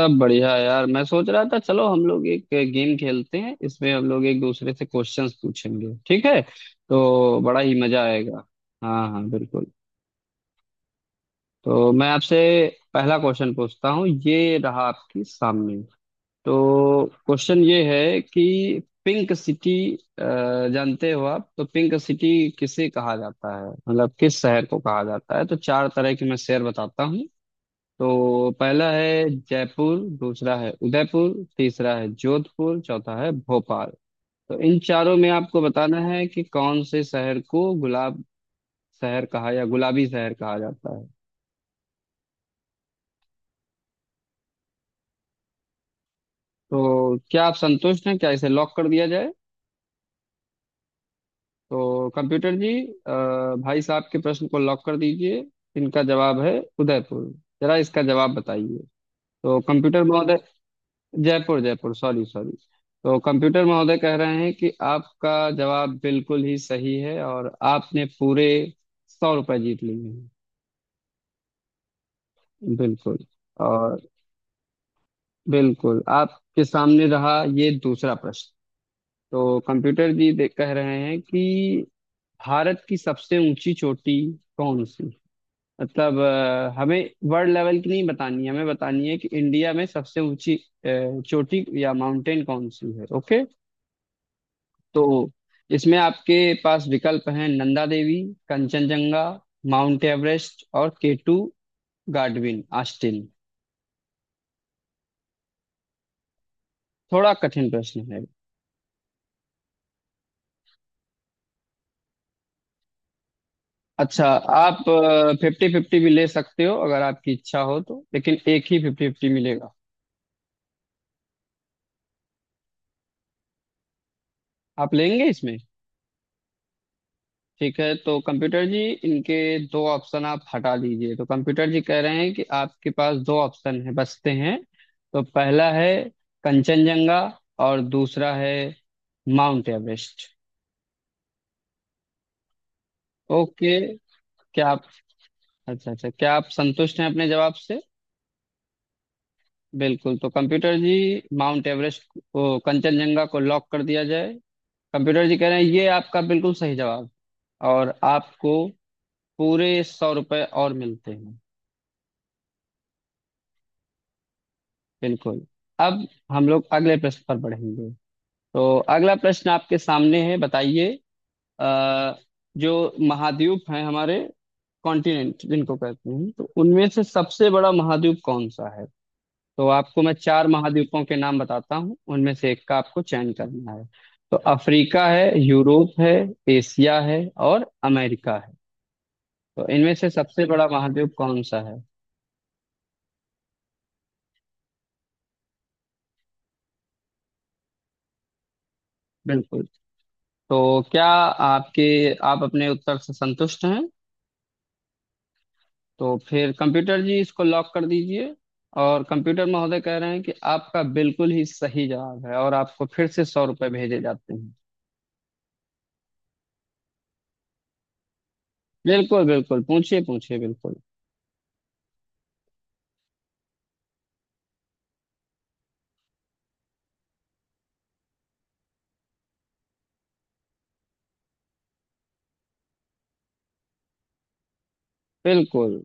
सब बढ़िया यार। मैं सोच रहा था चलो हम लोग एक गेम खेलते हैं, इसमें हम लोग एक दूसरे से क्वेश्चंस पूछेंगे, ठीक है? तो बड़ा ही मजा आएगा। हाँ हाँ, बिल्कुल। तो मैं आपसे पहला क्वेश्चन पूछता हूँ, ये रहा आपके सामने। तो क्वेश्चन ये है कि पिंक सिटी, जानते हो आप? तो पिंक सिटी किसे कहा जाता है, मतलब किस शहर को कहा जाता है? तो चार तरह के मैं शहर बताता हूँ। तो पहला है जयपुर, दूसरा है उदयपुर, तीसरा है जोधपुर, चौथा है भोपाल। तो इन चारों में आपको बताना है कि कौन से शहर को गुलाब शहर कहा या गुलाबी शहर कहा जाता है। तो क्या आप संतुष्ट हैं? क्या इसे लॉक कर दिया जाए? तो कंप्यूटर जी, अ, भाई साहब के प्रश्न को लॉक कर दीजिए। इनका जवाब है उदयपुर। जरा इसका जवाब बताइए। तो कंप्यूटर महोदय, जयपुर, जयपुर, सॉरी सॉरी। तो कंप्यूटर महोदय कह रहे हैं कि आपका जवाब बिल्कुल ही सही है और आपने पूरे सौ रुपये जीत लिए हैं। बिल्कुल। और बिल्कुल आपके सामने रहा ये दूसरा प्रश्न। तो कंप्यूटर जी कह रहे हैं कि भारत की सबसे ऊंची चोटी कौन सी, मतलब हमें वर्ल्ड लेवल की नहीं बतानी है, हमें बतानी है कि इंडिया में सबसे ऊंची चोटी या माउंटेन कौन सी है, ओके। तो इसमें आपके पास विकल्प हैं: नंदा देवी, कंचनजंगा, माउंट एवरेस्ट और केटू गाडविन आस्टिन। थोड़ा कठिन प्रश्न है। अच्छा, आप फिफ्टी फिफ्टी भी ले सकते हो अगर आपकी इच्छा हो तो, लेकिन एक ही फिफ्टी फिफ्टी मिलेगा। आप लेंगे इसमें? ठीक है, तो कंप्यूटर जी, इनके दो ऑप्शन आप हटा दीजिए। तो कंप्यूटर जी कह रहे हैं कि आपके पास दो ऑप्शन है बचते हैं। तो पहला है कंचनजंगा और दूसरा है माउंट एवरेस्ट। ओके। क्या आप अच्छा अच्छा, क्या आप संतुष्ट हैं अपने जवाब से? बिल्कुल। तो कंप्यूटर जी, माउंट एवरेस्ट को कंचनजंगा को लॉक कर दिया जाए। कंप्यूटर जी कह रहे हैं ये आपका बिल्कुल सही जवाब, और आपको पूरे सौ रुपये और मिलते हैं। बिल्कुल। अब हम लोग अगले प्रश्न पर बढ़ेंगे। तो अगला प्रश्न आपके सामने है, बताइए। अ, जो महाद्वीप हैं हमारे, कॉन्टिनेंट जिनको कहते हैं, तो उनमें से सबसे बड़ा महाद्वीप कौन सा है? तो आपको मैं चार महाद्वीपों के नाम बताता हूँ, उनमें से एक का आपको चयन करना है। तो अफ्रीका है, यूरोप है, एशिया है और अमेरिका है। तो इनमें से सबसे बड़ा महाद्वीप कौन सा है? बिल्कुल। तो क्या आपके आप अपने उत्तर से संतुष्ट हैं? तो फिर कंप्यूटर जी इसको लॉक कर दीजिए। और कंप्यूटर महोदय कह रहे हैं कि आपका बिल्कुल ही सही जवाब है और आपको फिर से सौ रुपये भेजे जाते हैं। बिल्कुल बिल्कुल, पूछिए पूछिए, बिल्कुल बिल्कुल।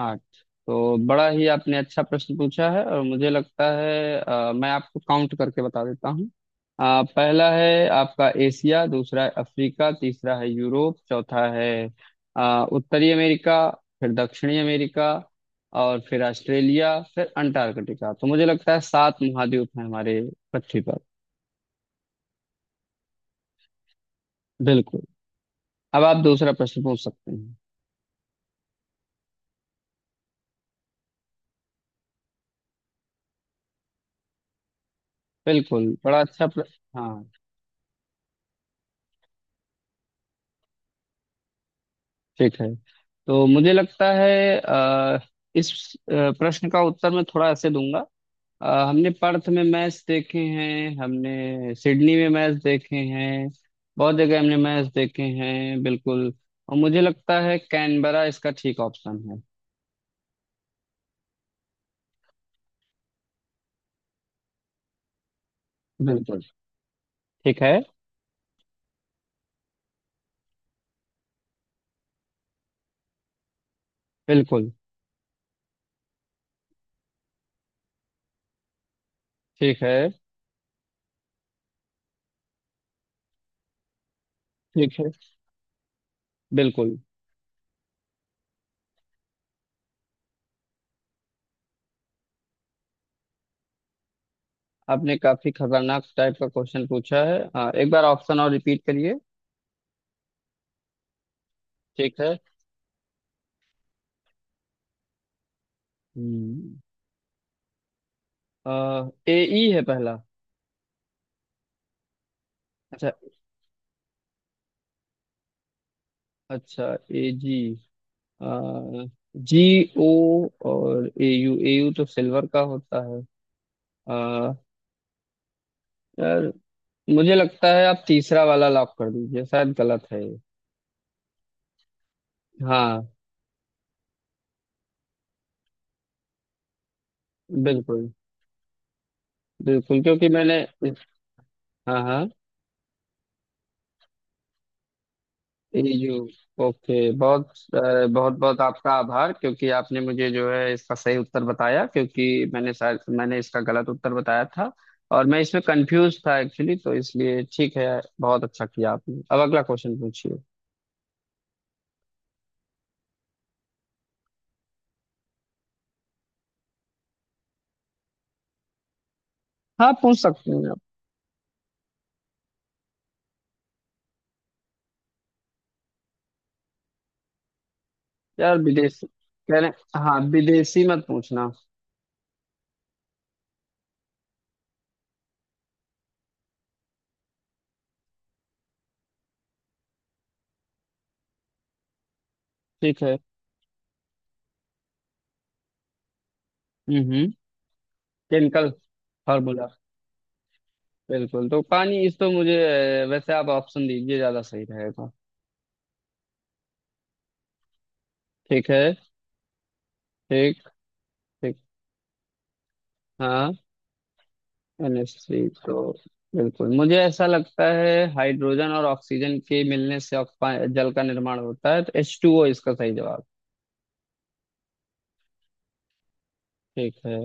आठ। तो बड़ा ही आपने अच्छा प्रश्न पूछा है और मुझे लगता है मैं आपको काउंट करके बता देता हूँ। पहला है आपका एशिया, दूसरा है अफ्रीका, तीसरा है यूरोप, चौथा है उत्तरी अमेरिका, फिर दक्षिणी अमेरिका, और फिर ऑस्ट्रेलिया, फिर अंटार्कटिका। तो मुझे लगता है सात महाद्वीप हैं हमारे पृथ्वी पर। बिल्कुल। अब आप दूसरा प्रश्न पूछ सकते हैं। बिल्कुल, बड़ा अच्छा हाँ, ठीक है। तो मुझे लगता है इस प्रश्न का उत्तर मैं थोड़ा ऐसे दूंगा। हमने पर्थ में मैच देखे हैं, हमने सिडनी में मैच देखे हैं, बहुत जगह हमने मैच देखे हैं, बिल्कुल। और मुझे लगता है कैनबरा इसका ठीक ऑप्शन है। बिल्कुल। ठीक है। बिल्कुल। ठीक है। ठीक है। बिल्कुल। आपने काफी खतरनाक टाइप का क्वेश्चन पूछा है, एक बार ऑप्शन और रिपीट करिए। ठीक है। ए ई है पहला। अच्छा, अच्छा। ए जी, जी ओ और ए यू। ए यू तो सिल्वर का होता है। आ, यार, मुझे लगता है आप तीसरा वाला लॉक कर दीजिए, शायद गलत है ये। हाँ। बिल्कुल। बिल्कुल, क्योंकि मैंने... हाँ हाँ। ईयू। ओके। बहुत बहुत बहुत आपका आभार, क्योंकि आपने मुझे जो है इसका सही उत्तर बताया, क्योंकि मैंने शायद मैंने इसका गलत उत्तर बताया था। और मैं इसमें कंफ्यूज था एक्चुअली, तो इसलिए ठीक है, बहुत अच्छा किया आपने। अब अगला क्वेश्चन पूछिए। हाँ, पूछ सकते हैं आप। यार, विदेशी कह रहे... हाँ, विदेशी मत पूछना। ठीक है। हम्म। Chemical formula. बिल्कुल। तो पानी इस तो मुझे वैसे आप ऑप्शन दीजिए, ज्यादा सही रहेगा। ठीक है। ठीक। ठीक। हाँ। NH3 तो, बिल्कुल, मुझे ऐसा लगता है हाइड्रोजन और ऑक्सीजन के मिलने से जल का निर्माण होता है, तो H2O इसका सही जवाब। ठीक है।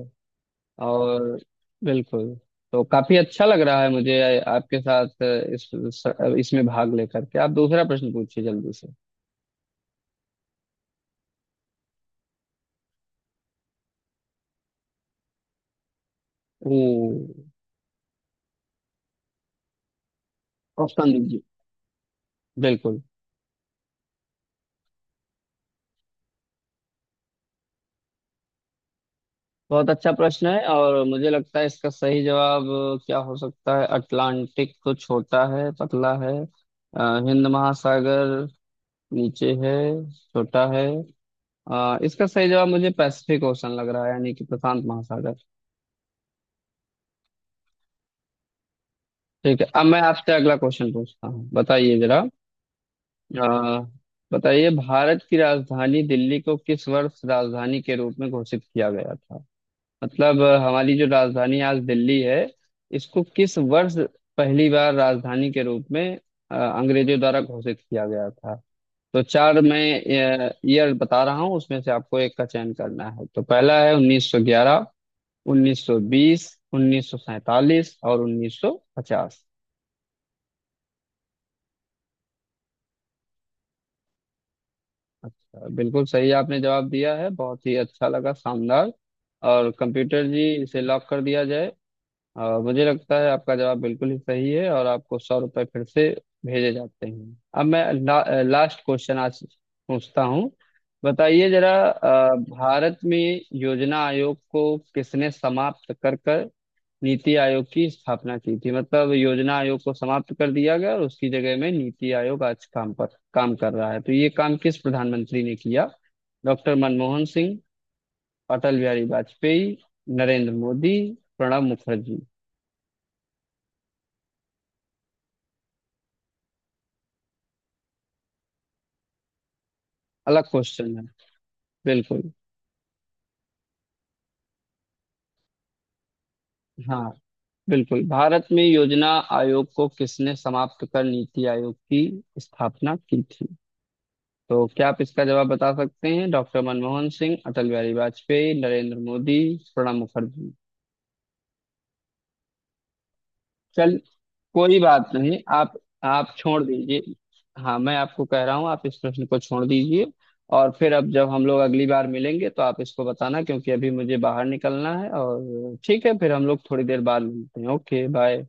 और बिल्कुल। तो काफी अच्छा लग रहा है मुझे आपके साथ इस इसमें भाग लेकर के। आप दूसरा प्रश्न पूछिए जल्दी से। ओ, ऑप्शन दीजिए। बिल्कुल। बहुत अच्छा प्रश्न है, और मुझे लगता है इसका सही जवाब क्या हो सकता है। अटलांटिक तो छोटा है, पतला है, हिंद महासागर नीचे है, छोटा है। इसका सही जवाब मुझे पैसिफिक ओशन लग रहा है, यानी कि प्रशांत महासागर। ठीक है। अब मैं आपसे अगला क्वेश्चन पूछता हूँ, बताइए जरा। आ, बताइए भारत की राजधानी दिल्ली को किस वर्ष राजधानी के रूप में घोषित किया गया था, मतलब हमारी जो राजधानी आज दिल्ली है, इसको किस वर्ष पहली बार राजधानी के रूप में अंग्रेजों द्वारा घोषित किया गया था। तो चार मैं ईयर बता रहा हूँ, उसमें से आपको एक का चयन करना है। तो पहला है 1911, 1920, 1947 और 1950। अच्छा, बिल्कुल सही आपने जवाब दिया है, बहुत ही अच्छा लगा, शानदार। और कंप्यूटर जी इसे लॉक कर दिया जाए। और मुझे लगता है आपका जवाब बिल्कुल ही सही है और आपको सौ रुपये फिर से भेजे जाते हैं। अब मैं लास्ट क्वेश्चन आज पूछता हूँ, बताइए जरा। भारत में योजना आयोग को किसने समाप्त कर कर नीति आयोग की स्थापना की थी, मतलब योजना आयोग को समाप्त कर दिया गया और उसकी जगह में नीति आयोग आज काम कर रहा है। तो ये काम किस प्रधानमंत्री ने किया? डॉक्टर मनमोहन सिंह, अटल बिहारी वाजपेयी, नरेंद्र मोदी, प्रणब मुखर्जी। अलग क्वेश्चन है। बिल्कुल। हाँ, बिल्कुल। भारत में योजना आयोग को किसने समाप्त कर नीति आयोग की स्थापना की थी? तो क्या आप इसका जवाब बता सकते हैं? डॉक्टर मनमोहन सिंह, अटल बिहारी वाजपेयी, नरेंद्र मोदी, प्रणब मुखर्जी। चल, कोई बात नहीं, आप छोड़ दीजिए। हाँ, मैं आपको कह रहा हूँ आप इस प्रश्न को छोड़ दीजिए। और फिर अब जब हम लोग अगली बार मिलेंगे तो आप इसको बताना, क्योंकि अभी मुझे बाहर निकलना है। और ठीक है, फिर हम लोग थोड़ी देर बाद मिलते हैं। Okay, bye.